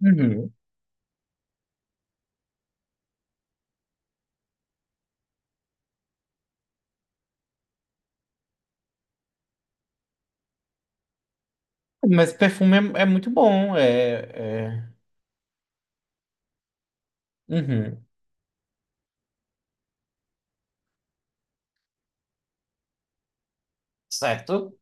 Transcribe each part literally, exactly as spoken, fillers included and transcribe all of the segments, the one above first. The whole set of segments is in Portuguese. Uhum. Mas perfume é, é muito bom, é, é- Uhum. Certo?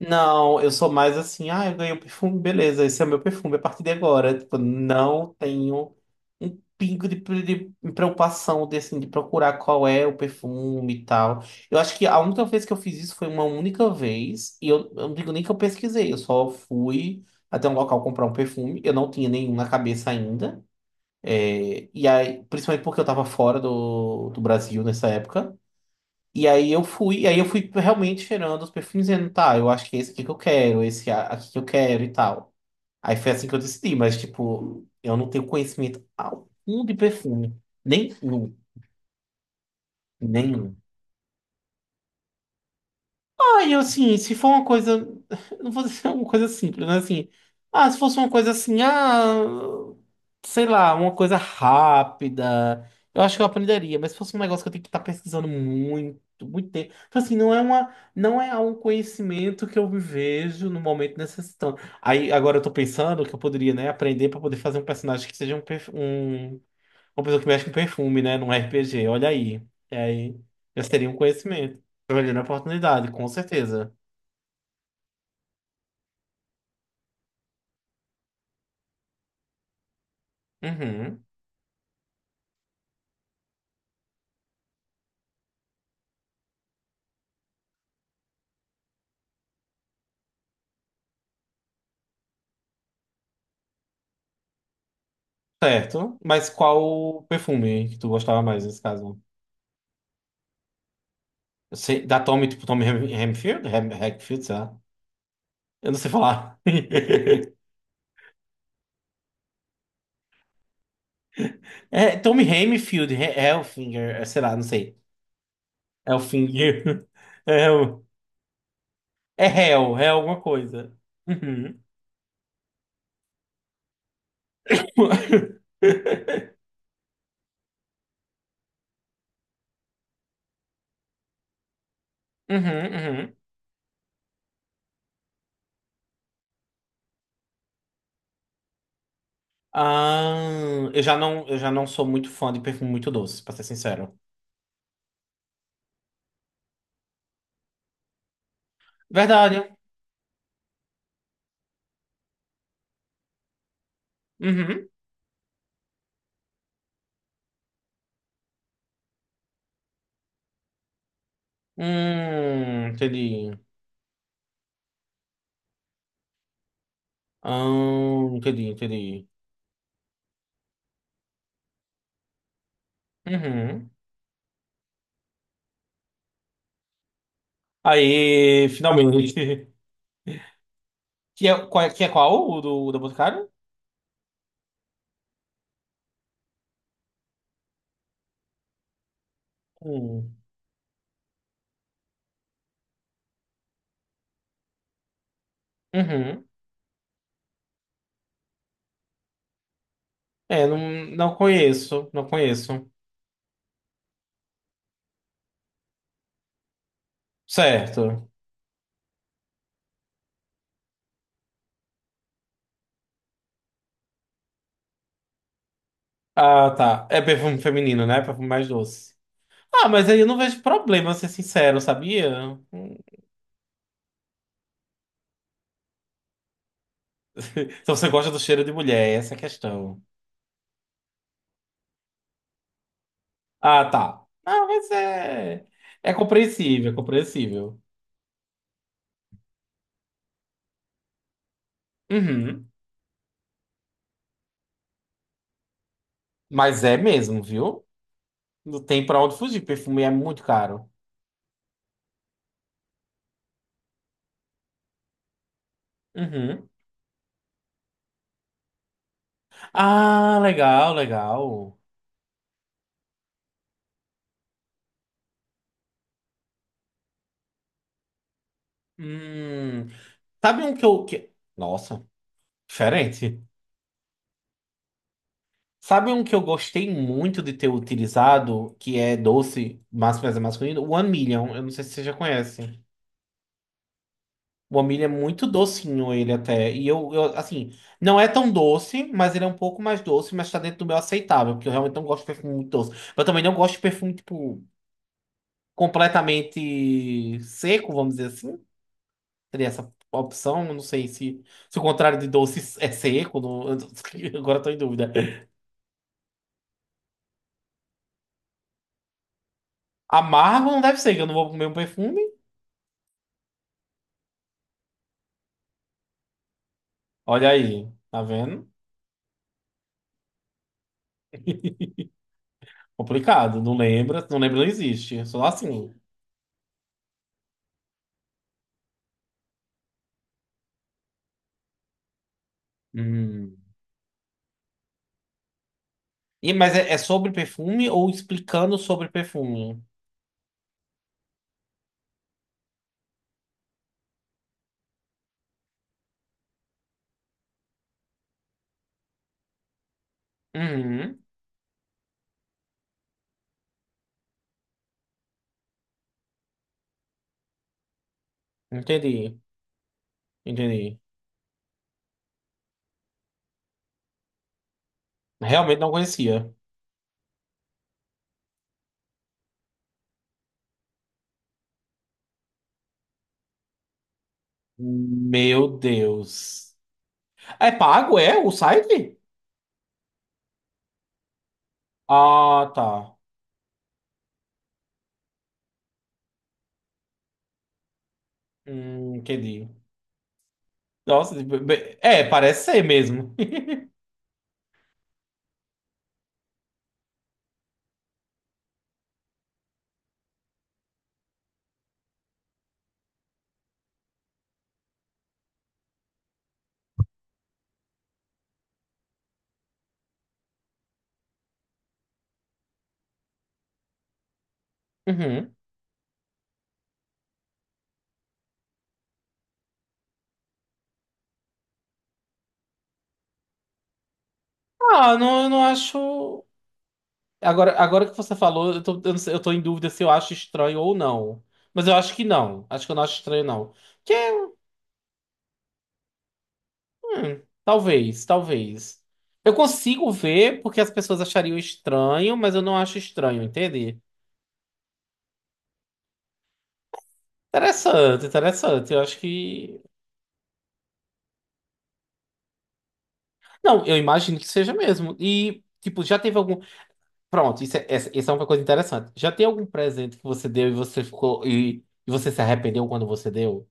Não, eu sou mais assim, ah, eu ganhei um perfume, beleza, esse é meu perfume a partir de agora. Tipo, não tenho um pingo de, pre- de preocupação de, assim, de procurar qual é o perfume e tal. Eu acho que a única vez que eu fiz isso foi uma única vez, e eu, eu não digo nem que eu pesquisei, eu só fui até um local comprar um perfume, eu não tinha nenhum na cabeça ainda. É, e aí, principalmente porque eu tava fora do, do Brasil nessa época. E aí eu fui, e aí eu fui realmente cheirando os perfumes dizendo, tá, eu acho que é esse aqui que eu quero, esse a- aqui que eu quero e tal. Aí foi assim que eu decidi, mas tipo, eu não tenho conhecimento algum de perfume. Nenhum, nenhum. Ah, eu assim, se for uma coisa. Não vou dizer uma coisa simples, né? Assim, ah, se fosse uma coisa assim, ah, sei lá, uma coisa rápida, eu acho que eu aprenderia, mas se fosse um negócio que eu tenho que estar pesquisando muito, muito tempo. Tipo assim, não é uma, não é um conhecimento que eu me vejo no momento necessitando. Aí agora eu tô pensando que eu poderia, né, aprender para poder fazer um personagem que seja um, perf- um uma pessoa que mexe com perfume, né? Num R P G, olha aí. E aí, já seria um conhecimento. Olhando a oportunidade, com certeza. Uhum. Certo. Mas qual perfume que tu gostava mais nesse caso? Eu sei- da Tommy, tipo Tommy Hem- Hemfield? Hem, Hackfield, sei lá. Eu não sei falar. É, Tommy Hemfield, He- Hellfinger, é, sei lá, não sei. Hellfinger. É, o- É Hell, é alguma coisa. Uhum. Uhum, uhum. Ah, eu já não, eu já não sou muito fã de perfume muito doce, pra ser sincero. Verdade. Uhum. Hum, entendi. Ah, entendi, entendi. Uhum. Aí, finalmente. Que é, qual é- que é qual? O do, o da Boticário? Hum. Uhum. É, não, não conheço, não conheço. Certo. Ah, tá. É perfume feminino, né? Perfume mais doce. Ah, mas aí eu não vejo problema, ser sincero, sabia? Hum. Se você gosta do cheiro de mulher, essa é a questão. Ah, tá. Ah, mas é. É compreensível, é compreensível. Uhum. Mas é mesmo, viu? Não tem pra onde fugir. Perfume é muito caro. Uhum. Ah, legal, legal. Hum. Sabe um que eu. Que... Nossa, diferente. Sabe um que eu gostei muito de ter utilizado, que é doce, mas mas é masculino? One Million. Eu não sei se você já conhece. O milho é muito docinho ele até. E eu, eu, assim, não é tão doce, mas ele é um pouco mais doce, mas tá dentro do meu aceitável, porque eu realmente não gosto de perfume muito doce. Eu também não gosto de perfume, tipo, completamente seco, vamos dizer assim. Teria essa opção, eu não sei se, se o contrário de doce é seco, não- eu não- agora eu tô em dúvida. Amargo não deve ser, que eu não vou comer um perfume. Olha aí, tá vendo? Complicado, não lembra, não lembra, não existe. Só assim. Hum. E, mas é, é sobre perfume ou explicando sobre perfume? Uhum, entendi, entendi. Realmente não conhecia. Meu Deus. É pago, é, o site? Ah, tá. Hum, entendi. Nossa, be- be- é, parece ser mesmo. Uhum. Ah, não, eu não acho. Agora, agora que você falou, eu tô, eu não sei- eu tô em dúvida se eu acho estranho ou não. Mas eu acho que não. Acho que eu não acho estranho, não. Porque hum, talvez, talvez. Eu consigo ver porque as pessoas achariam estranho, mas eu não acho estranho, entende? Interessante, interessante. Eu acho que. Não, eu imagino que seja mesmo. E, tipo, já teve algum. Pronto, isso é, essa, isso é uma coisa interessante. Já tem algum presente que você deu e você ficou. E, e você se arrependeu quando você deu?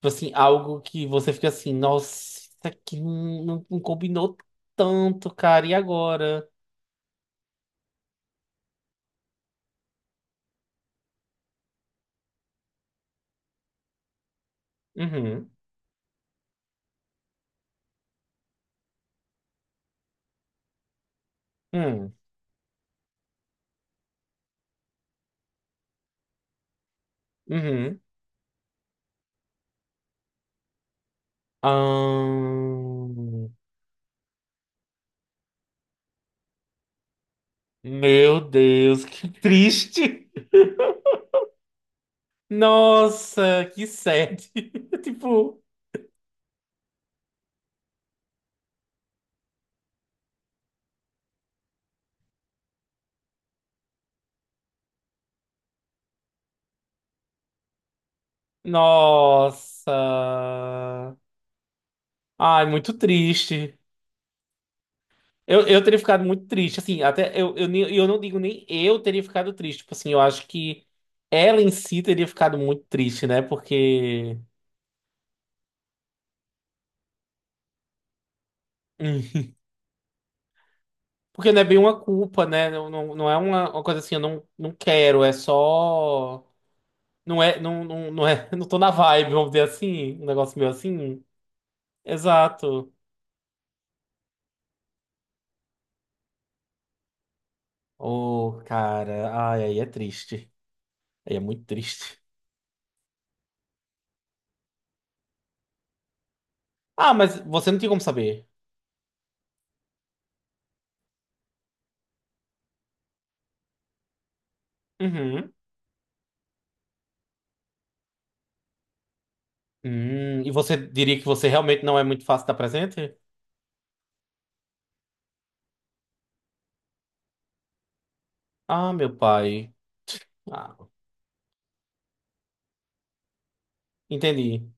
Tipo assim, algo que você fica assim, nossa, isso aqui não, não combinou tanto, cara, e agora? Uhum, uhum, uhum. Ah, meu Deus, que triste. Nossa, que sad. Tipo, nossa. Ai, muito triste. Eu, eu teria ficado muito triste, assim, até eu, eu, nem- eu não digo nem eu teria ficado triste, tipo assim, eu acho que ela em si teria ficado muito triste, né? Porque. Hum, porque não é bem uma culpa, né? Não, não, não é uma, uma coisa assim, eu não, não quero, é só. Não é, não, não, não é, não tô na vibe, vamos dizer assim, um negócio meio assim. Exato. Ô, cara, ai, aí é triste. Aí é muito triste. Ah, mas você não tinha como saber. Uhum. Hum, e você diria que você realmente não é muito fácil dar presente? Ah, meu pai. Ah, entendi.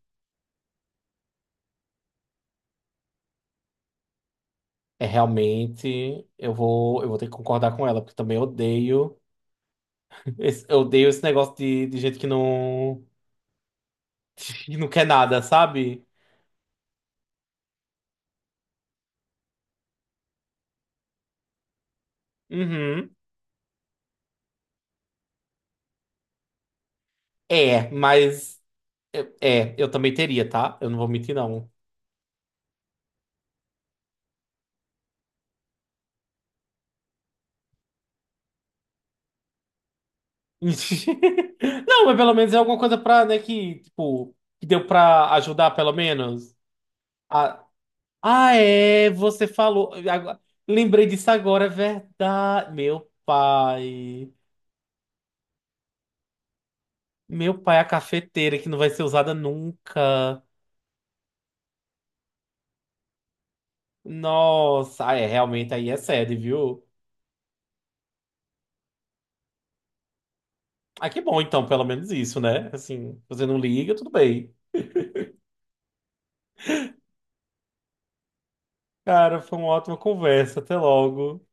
É realmente, eu vou, eu vou ter que concordar com ela, porque também odeio, esse, eu odeio esse negócio de, de gente que não, que não quer nada, sabe? Uhum. É, mas Eu- é, eu também teria, tá? Eu não vou mentir, não. Não, mas pelo menos é alguma coisa pra, né, que, tipo, que deu pra ajudar, pelo menos. Ah, ah, é, você falou. Agora- lembrei disso agora, é verdade. Meu pai. Meu pai, é a cafeteira que não vai ser usada nunca. Nossa, ah, é, realmente aí é sede, viu? Ah, que bom, então, pelo menos isso, né? Assim, você não liga, tudo bem. Cara, foi uma ótima conversa. Até logo.